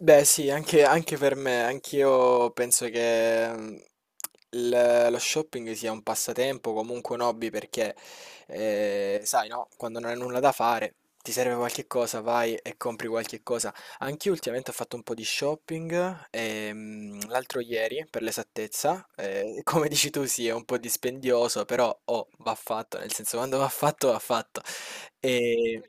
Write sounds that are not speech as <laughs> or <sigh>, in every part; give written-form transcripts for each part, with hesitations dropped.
Beh, sì, anche per me, anch'io penso che lo shopping sia un passatempo, comunque un hobby, perché sai, no, quando non hai nulla da fare, ti serve qualche cosa, vai e compri qualche cosa. Anch'io ultimamente ho fatto un po' di shopping, l'altro ieri, per l'esattezza, <laughs> come dici tu, sì, è un po' dispendioso, però oh, va fatto, nel senso, quando va fatto, va fatto. E...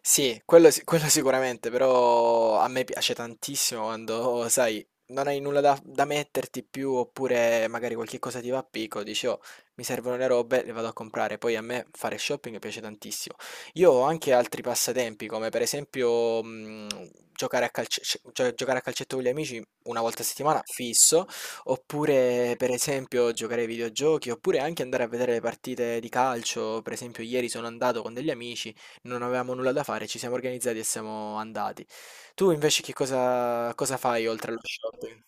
Sì, quello si quello sicuramente, però a me piace tantissimo quando, sai, non hai nulla da metterti più, oppure magari qualche cosa ti va a picco, dici: "Oh, mi servono le robe, le vado a comprare". Poi a me fare shopping piace tantissimo. Io ho anche altri passatempi, come per esempio, giocare a calce cioè giocare a calcetto con gli amici una volta a settimana, fisso, oppure per esempio giocare ai videogiochi, oppure anche andare a vedere le partite di calcio. Per esempio, ieri sono andato con degli amici, non avevamo nulla da fare, ci siamo organizzati e siamo andati. Tu invece che cosa fai oltre allo shopping?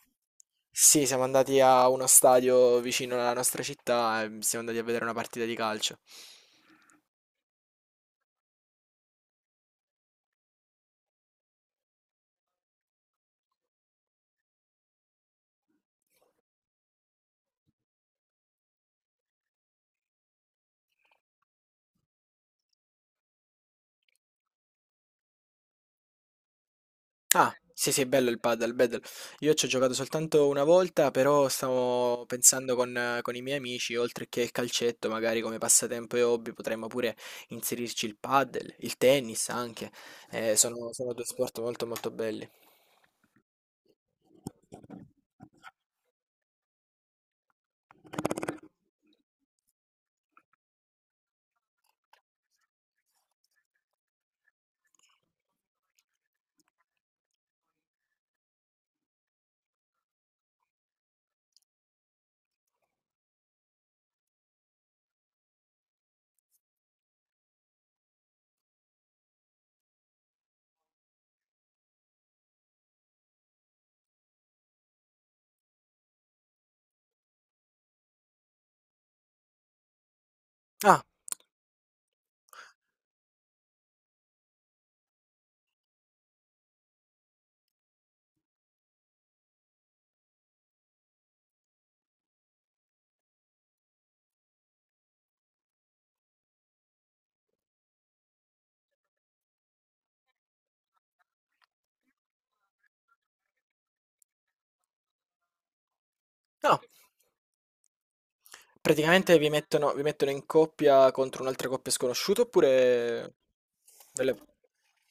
Sì, siamo andati a uno stadio vicino alla nostra città e siamo andati a vedere una partita di calcio. Ah, sì, sì, è bello il padel, bello. Io ci ho giocato soltanto una volta, però stavo pensando con i miei amici, oltre che il calcetto, magari come passatempo e hobby, potremmo pure inserirci il padel, il tennis anche. Sono due sport molto molto belli. Ah, no, praticamente vi mettono in coppia contro un'altra coppia sconosciuta oppure... delle-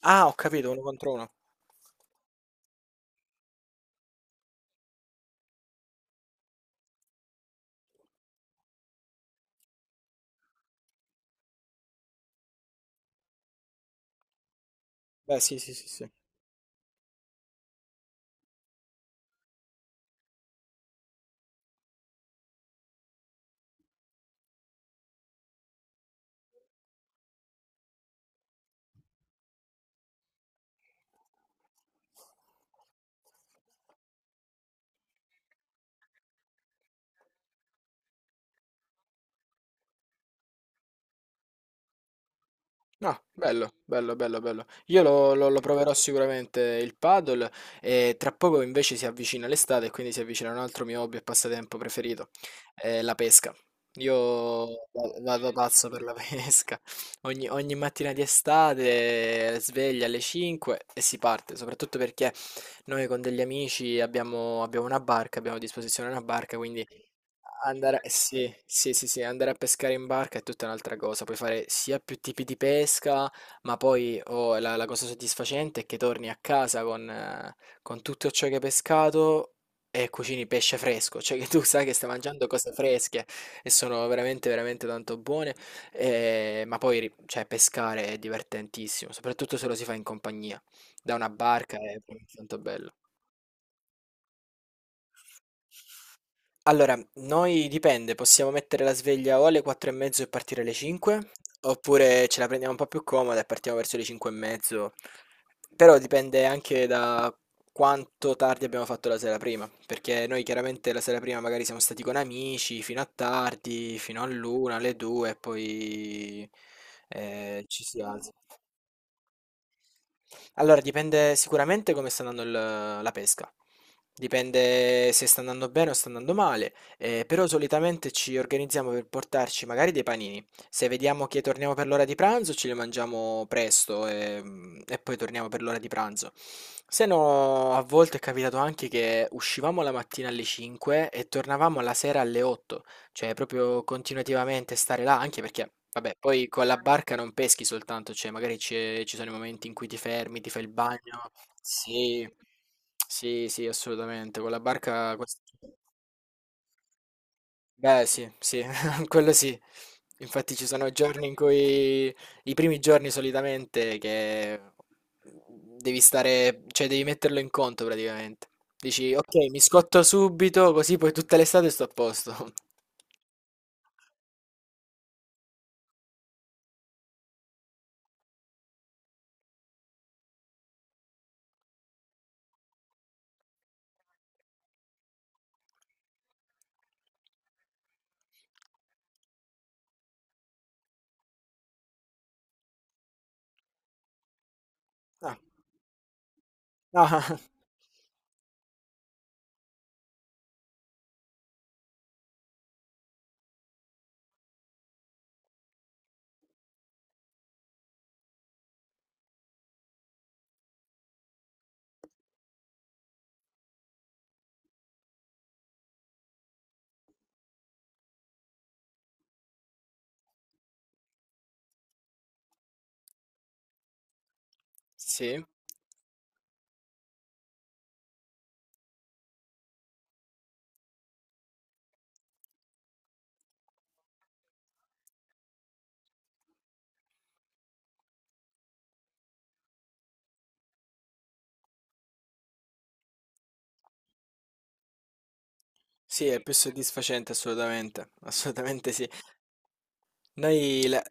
Ah, ho capito, uno contro uno. Beh, sì, sì, sì, sì. Ah, bello, bello, bello, bello. Io lo proverò sicuramente il paddle e tra poco invece si avvicina l'estate e quindi si avvicina un altro mio hobby e passatempo preferito, la pesca. Io vado pazzo per la <laughs> pesca. Ogni mattina di estate sveglia alle 5 e si parte, soprattutto perché noi con degli amici abbiamo una barca, abbiamo a disposizione una barca, quindi... Andare, eh sì, sì, sì, sì, andare a pescare in barca è tutta un'altra cosa, puoi fare sia più tipi di pesca, ma poi oh, la cosa soddisfacente è che torni a casa con tutto ciò che hai pescato e cucini pesce fresco, cioè che tu <laughs> sai che stai mangiando cose fresche e sono veramente, veramente tanto buone, cioè, pescare è divertentissimo, soprattutto se lo si fa in compagnia, da una barca è tanto bello. Allora, noi dipende, possiamo mettere la sveglia o alle 4 e mezzo e partire alle 5, oppure ce la prendiamo un po' più comoda e partiamo verso le 5 e mezzo. Però dipende anche da quanto tardi abbiamo fatto la sera prima, perché noi chiaramente la sera prima magari siamo stati con amici fino a tardi, fino all'una, alle due, e poi ci si alza. Allora, dipende sicuramente come sta andando la pesca. Dipende se sta andando bene o sta andando male, però solitamente ci organizziamo per portarci magari dei panini. Se vediamo che torniamo per l'ora di pranzo, ce li mangiamo presto e, e poi torniamo per l'ora di pranzo. Se no, a volte è capitato anche che uscivamo la mattina alle 5 e tornavamo la sera alle 8. Cioè proprio continuativamente stare là, anche perché, vabbè, poi con la barca non peschi soltanto, cioè magari ci sono i momenti in cui ti fermi, ti fai il bagno. Sì, sì, sì, assolutamente. Con la barca... quest- Beh, sì, sì, <laughs> quello sì. Infatti ci sono giorni in cui, i primi giorni solitamente, che devi stare, cioè devi metterlo in conto praticamente. Dici, ok, mi scotto subito, così poi tutta l'estate sto a posto. <laughs> Ah. Ah, <laughs> sì, sì, è più soddisfacente assolutamente, assolutamente sì. Noi la-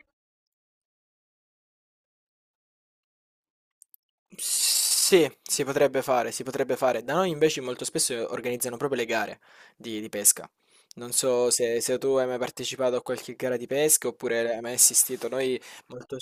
Sì, si potrebbe fare, si potrebbe fare. Da noi invece molto spesso organizzano proprio le gare di pesca. Non so se, se tu hai mai partecipato a qualche gara di pesca oppure hai mai assistito. Molto...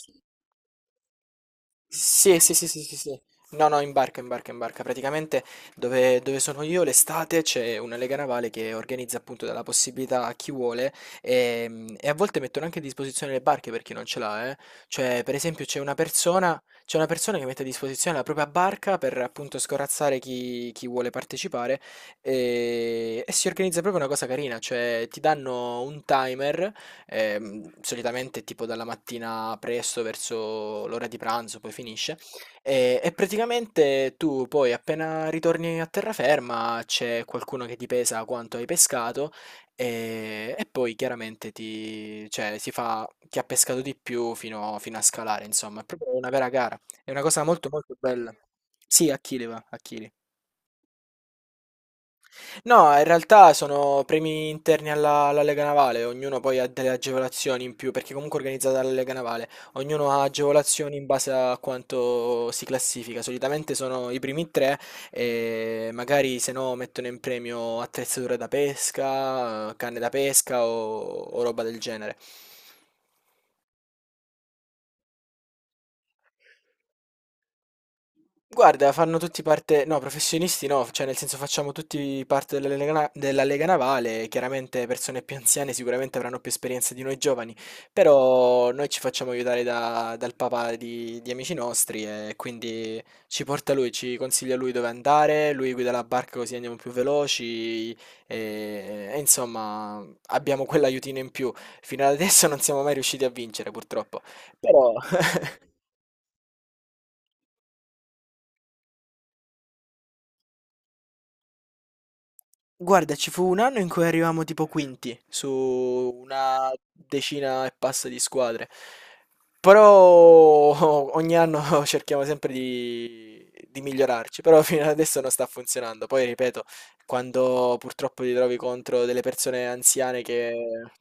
Sì, sì, sì, sì, sì, sì. No, no, in barca, in barca, in barca. Praticamente dove sono io l'estate c'è una lega navale che organizza appunto la possibilità a chi vuole e, a volte mettono anche a disposizione le barche per chi non ce l'ha, eh. Cioè, per esempio, c'è una persona che mette a disposizione la propria barca per appunto scorazzare chi vuole partecipare e si organizza proprio una cosa carina, cioè ti danno un timer, solitamente tipo dalla mattina presto verso l'ora di pranzo, poi finisce. E praticamente tu poi appena ritorni a terraferma c'è qualcuno che ti pesa quanto hai pescato e poi chiaramente ti, cioè, si fa chi ha pescato di più fino a scalare, insomma, è proprio una vera gara, è una cosa molto molto bella. Sì, a chili va, a chili. No, in realtà sono premi interni alla, alla Lega Navale, ognuno poi ha delle agevolazioni in più, perché comunque è organizzata dalla Lega Navale, ognuno ha agevolazioni in base a quanto si classifica, solitamente sono i primi tre e magari se no mettono in premio attrezzature da pesca, canne da pesca o roba del genere. Guarda, fanno tutti parte, no, professionisti no, cioè nel senso facciamo tutti parte della Lega, della Lega Navale, chiaramente persone più anziane sicuramente avranno più esperienza di noi giovani, però noi ci facciamo aiutare dal papà di amici nostri e quindi ci porta lui, ci consiglia lui dove andare, lui guida la barca così andiamo più veloci e insomma abbiamo quell'aiutino in più. Fino ad adesso non siamo mai riusciti a vincere purtroppo, però... Guarda, ci fu un anno in cui arrivammo tipo quinti su una decina e passa di squadre, però <laughs> ogni anno <laughs> cerchiamo sempre di migliorarci, però fino ad adesso non sta funzionando. Poi ripeto, quando purtroppo ti trovi contro delle persone anziane che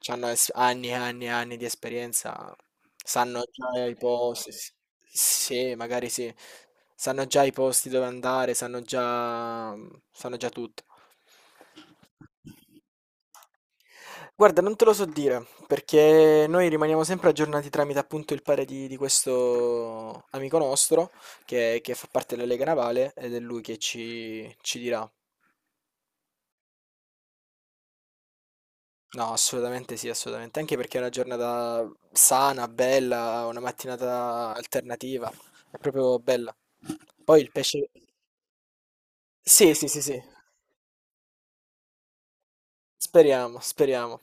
hanno anni e anni e anni di esperienza, sanno già i posti, sì, magari sì, sanno già i posti dove andare, sanno già tutto. Guarda, non te lo so dire, perché noi rimaniamo sempre aggiornati tramite appunto il pare di questo amico nostro, che fa parte della Lega Navale, ed è lui che ci dirà. No, assolutamente sì, assolutamente, anche perché è una giornata sana, bella, una mattinata alternativa, è proprio bella. Poi il pesce... Sì, sì, sì, sì, speriamo, speriamo.